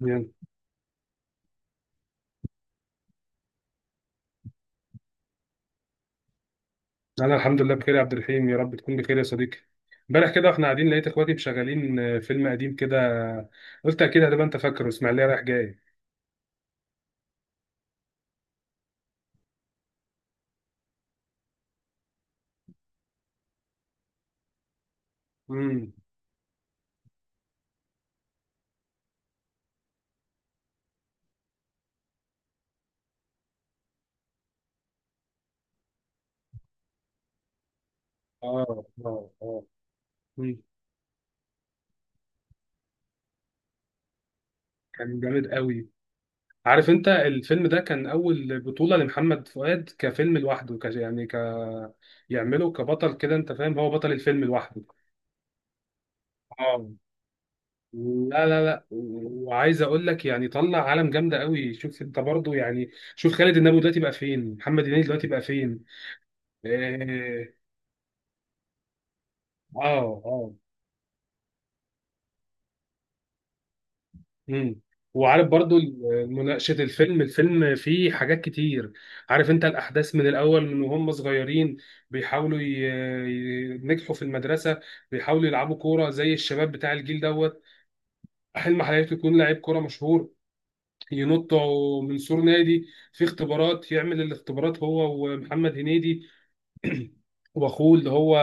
يعني انا الحمد لله بخير يا عبد الرحيم، يا رب تكون بخير يا صديقي. امبارح كده واحنا قاعدين لقيت اخواتي مشغلين فيلم قديم كده. قلت اكيد هتبقى انت فاكره، اسماعيليه رايح جاي. امم. اه اه اه. مم. كان جامد قوي. عارف انت الفيلم ده كان اول بطوله لمحمد فؤاد، كفيلم لوحده، يعني يعمله كبطل كده، انت فاهم، هو بطل الفيلم لوحده. اه، لا لا لا، وعايز اقول لك يعني طلع عالم جامده قوي. شوف انت برضو يعني، شوف خالد النبوي دلوقتي بقى فين، محمد هنيدي دلوقتي بقى فين. اه اه آه. مم. وعارف برضو مناقشه الفيلم فيه حاجات كتير. عارف انت الاحداث من الاول، من وهم صغيرين بيحاولوا ينجحوا في المدرسه، بيحاولوا يلعبوا كوره زي الشباب بتاع الجيل دوت، حلم حياته يكون لعيب كوره مشهور. ينطوا من سور نادي، في اختبارات، يعمل الاختبارات هو ومحمد هنيدي واخوه اللي هو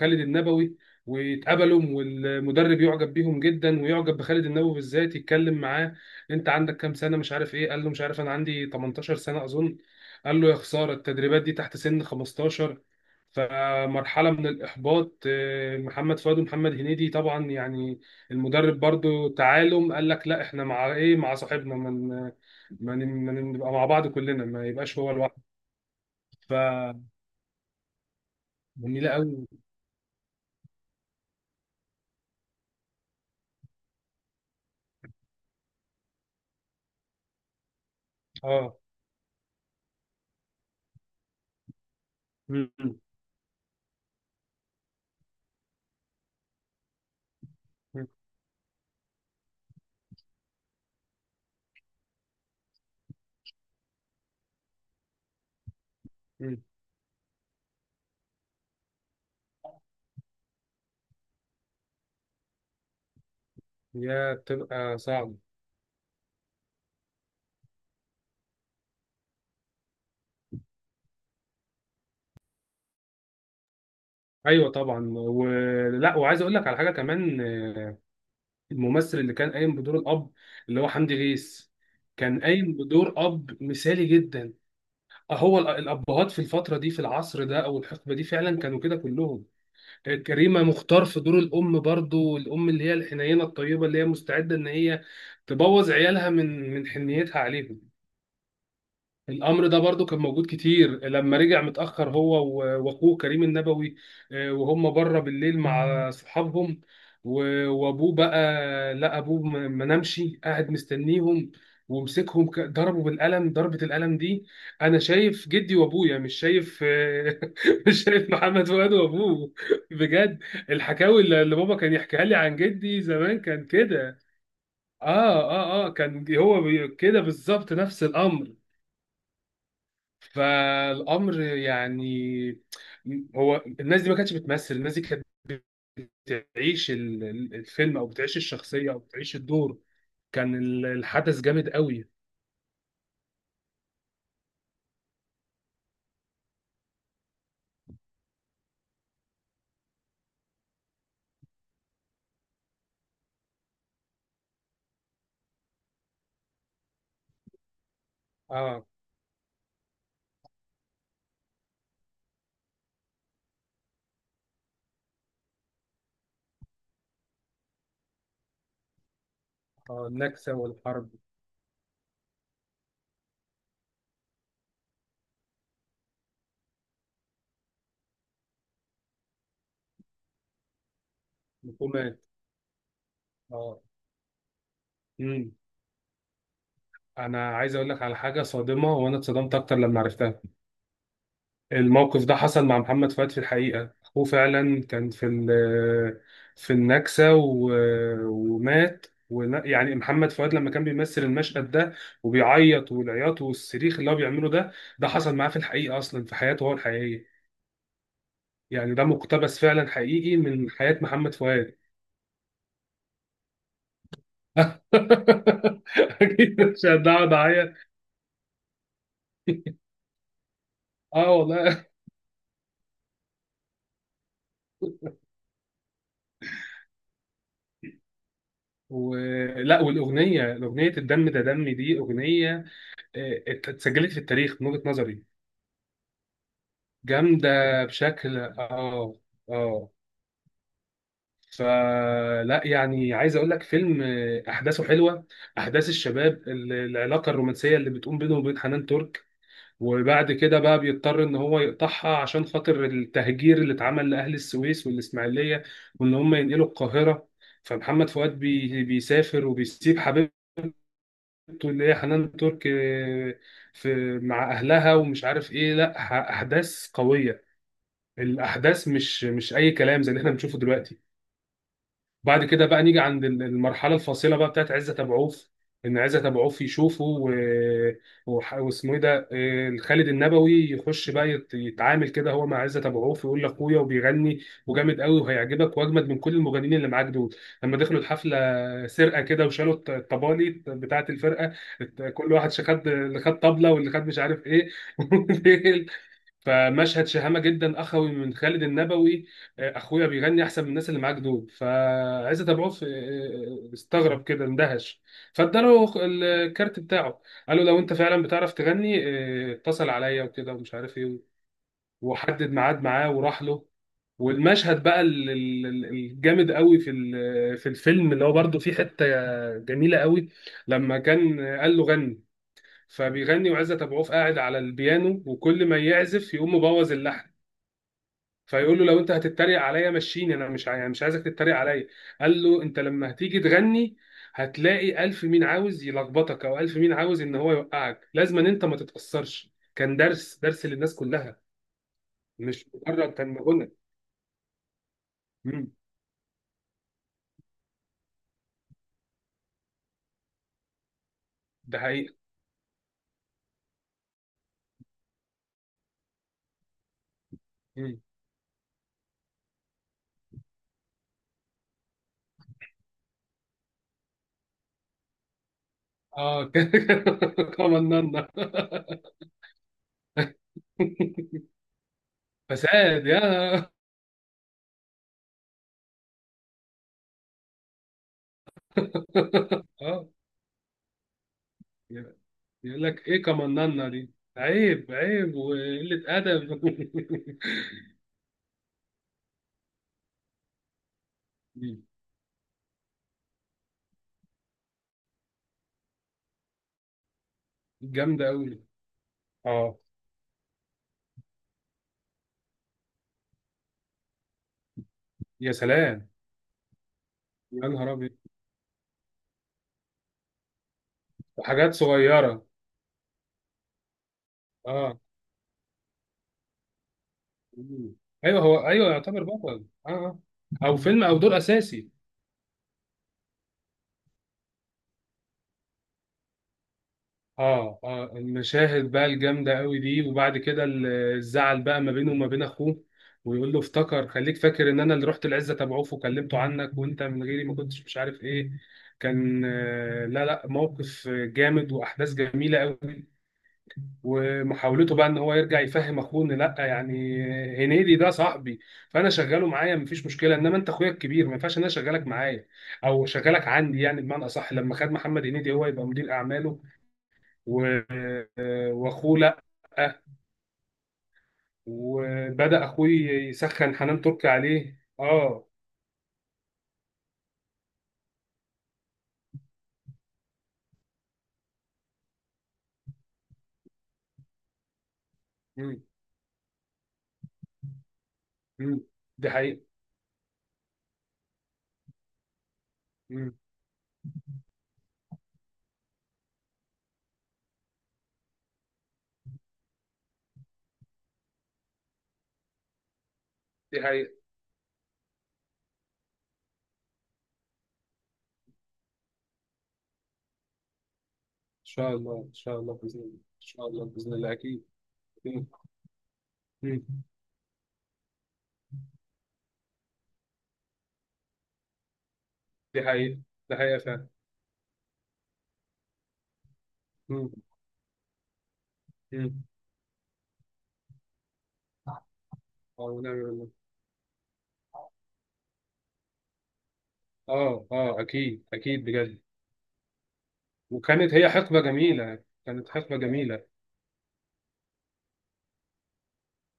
خالد النبوي، ويتقابلوا والمدرب يعجب بيهم جدا ويعجب بخالد النبوي بالذات، يتكلم معاه، انت عندك كام سنه، مش عارف ايه، قال له مش عارف انا عندي 18 سنه اظن. قال له يا خساره، التدريبات دي تحت سن 15. فمرحله من الاحباط، محمد فؤاد ومحمد هنيدي طبعا يعني. المدرب برضو تعالوا قال لك لا احنا مع ايه، مع صاحبنا من ما نبقى مع بعض كلنا ما يبقاش هو لوحده. ف جميله قوي. اه. مم. مم. مم. يا بتبقى صعبة. ايوه طبعا، ولا وعايز اقول لك على حاجه كمان، الممثل اللي كان قايم بدور الاب اللي هو حمدي غيث كان قايم بدور اب مثالي جدا. هو الابهات في الفتره دي، في العصر ده او الحقبه دي، فعلا كانوا كده كلهم. كريمه مختار في دور الام، برضو الام اللي هي الحنينه الطيبه اللي هي مستعده ان هي تبوظ عيالها من حنيتها عليهم. الامر ده برضو كان موجود كتير، لما رجع متاخر هو واخوه كريم النبوي، وهم بره بالليل مع صحابهم، وابوه بقى، لا ابوه ما نامش، قاعد مستنيهم، ومسكهم ضربوا بالقلم، ضربة القلم دي انا شايف جدي وابويا، مش شايف مش شايف محمد فؤاد وابوه. بجد، الحكاوي اللي بابا كان يحكيها لي عن جدي زمان كان كده. اه اه اه، كان هو كده بالظبط نفس الامر. فالامر يعني، هو الناس دي ما كانتش بتمثل، الناس دي كانت بتعيش الفيلم، او بتعيش الشخصيه، او بتعيش الدور. كان الحدث جامد قوي. اه. اه النكسه والحرب. الحكومات. اه. امم. انا عايز اقول لك على حاجه صادمه، وانا اتصدمت اكتر لما عرفتها. الموقف ده حصل مع محمد فؤاد في الحقيقة، أخوه فعلا كان في في النكسة ومات يعني محمد فؤاد لما كان بيمثل المشهد ده وبيعيط، والعياط والصريخ اللي هو بيعمله ده، ده حصل معاه في الحقيقة أصلا في حياته هو الحقيقية. يعني ده مقتبس فعلا حقيقي من حياة محمد فؤاد. أكيد مش هقعد أعيط. أه والله. ولا والأغنية، أغنية الدم ده دمي، دي أغنية اتسجلت في التاريخ من وجهة نظري. جامدة بشكل اه. اه. فلا يعني عايز اقول لك فيلم احداثه حلوه، احداث الشباب، العلاقه الرومانسيه اللي بتقوم بينه وبين حنان ترك، وبعد كده بقى بيضطر ان هو يقطعها عشان خاطر التهجير اللي اتعمل لاهل السويس والاسماعيليه، وان هم ينقلوا القاهره. فمحمد فؤاد بيسافر وبيسيب حبيبته اللي هي حنان ترك، في مع اهلها ومش عارف ايه، لا احداث قويه. الاحداث مش اي كلام زي اللي احنا بنشوفه دلوقتي. بعد كده بقى نيجي عند المرحله الفاصله بقى بتاعت عزت ابو عوف. ان عزت ابو عوف يشوفه واسمه ايه ده خالد النبوي يخش بقى يتعامل كده هو مع عزت ابو عوف، ويقول لاخويا وبيغني وجامد قوي وهيعجبك واجمد من كل المغنيين اللي معاك دول. لما دخلوا الحفله، سرقه كده وشالوا الطبالي بتاعت الفرقه. كل واحد خد اللي خد طبله واللي خد مش عارف ايه. فمشهد شهامة جدا أخوي من خالد النبوي. أخويا بيغني أحسن من الناس اللي معاك دول فعايز أتابعه في استغرب كده، اندهش. فاداله الكارت بتاعه، قال له لو أنت فعلا بتعرف تغني اتصل عليا وكده ومش عارف إيه. وحدد ميعاد معاه وراح له. والمشهد بقى الجامد قوي في في الفيلم، اللي هو برضه فيه حتة جميلة قوي. لما كان قال له غني، فبيغني وعزت ابو عوف قاعد على البيانو، وكل ما يعزف يقوم مبوظ اللحن. فيقول له لو انت هتتريق عليا مشيني، انا مش عايزك تتريق عليا. قال له انت لما هتيجي تغني هتلاقي الف مين عاوز يلخبطك، او الف مين عاوز ان هو يوقعك، لازم ان انت ما تتاثرش. كان درس، درس للناس كلها، مش مجرد كان غنى. مم. ده حقيقه. مم. اه كان كمننا فساد، يا اه، يقول لك ايه كمننا دي، عيب عيب وقله ادب. مم. جامده قوي. اه. يا سلام. يا نهار ابيض. حاجات صغيره. اه. مم. ايوه هو، ايوه يعتبر بطل، اه آه. او فيلم او دور اساسي. اه اه، المشاهد بقى الجامده قوي دي، وبعد كده الزعل بقى ما بينه وما بين اخوه، ويقول له افتكر، خليك فاكر ان انا اللي رحت العزه تبعوه وكلمته عنك، وانت من غيري ما كنتش مش عارف ايه. كان لا لا، موقف جامد واحداث جميله قوي. ومحاولته بقى ان هو يرجع يفهم اخوه ان لا يعني، هنيدي ده صاحبي، فانا شغاله معايا مفيش مشكله، انما انت اخويا الكبير ما ينفعش ان انا اشغلك معايا او اشغلك عندي، يعني بمعنى اصح لما خد محمد هنيدي هو يبقى مدير اعماله، و- واخوه لا. وبدا اخوي يسخن حنان تركي عليه. اه. مم. مم. دي حقيقه. مم. دي حقيقه، ان شاء الله، ان شاء الله، باذن الله، ان شاء الله، باذن الله اكيد. مم. مم. دي حقيقه. دي حقيقه فعلا. مم. مم. اه ونعم بالله. اه اه اكيد اكيد بجد. وكانت هي حقبه جميله، كانت حقبه جميله.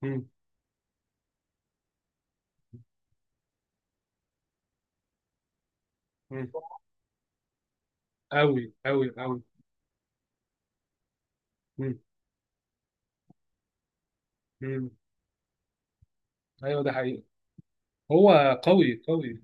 امم. امم. قوي قوي قوي. امم. امم. ايوه ده حقيقي. هو قوي قوي.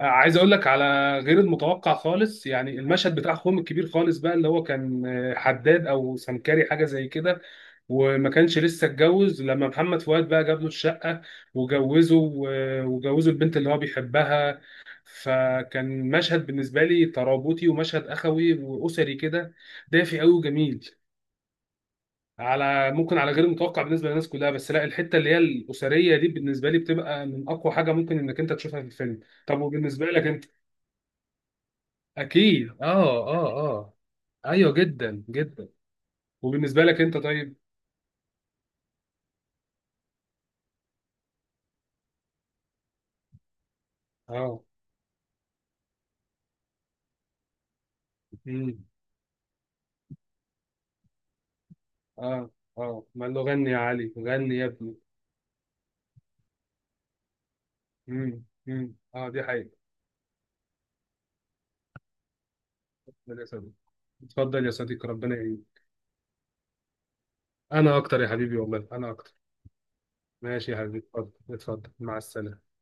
وعايز اقول لك على غير المتوقع خالص، يعني المشهد بتاع اخوهم الكبير خالص بقى، اللي هو كان حداد او سمكري حاجه زي كده وما كانش لسه اتجوز، لما محمد فؤاد بقى جاب له الشقة وجوزه وجوزه البنت اللي هو بيحبها، فكان مشهد بالنسبة لي ترابطي، ومشهد أخوي وأسري كده، دافي قوي وجميل. على ممكن على غير متوقع بالنسبة للناس كلها، بس لا، الحتة اللي هي الأسرية دي بالنسبة لي بتبقى من أقوى حاجة ممكن إنك أنت تشوفها في الفيلم. طب وبالنسبة لك أنت؟ أكيد آه آه آه. أيوه جدا جدا. وبالنسبة لك أنت طيب؟ آه. مم. اه اه، ما له، غني يا علي، غني يا ابني. امم. امم. اه دي حقيقة. للأسف. اتفضل يا صديقي، ربنا يعينك. انا اكتر يا حبيبي، والله انا اكتر. ماشي يا حبيبي، اتفضل اتفضل، مع السلامة.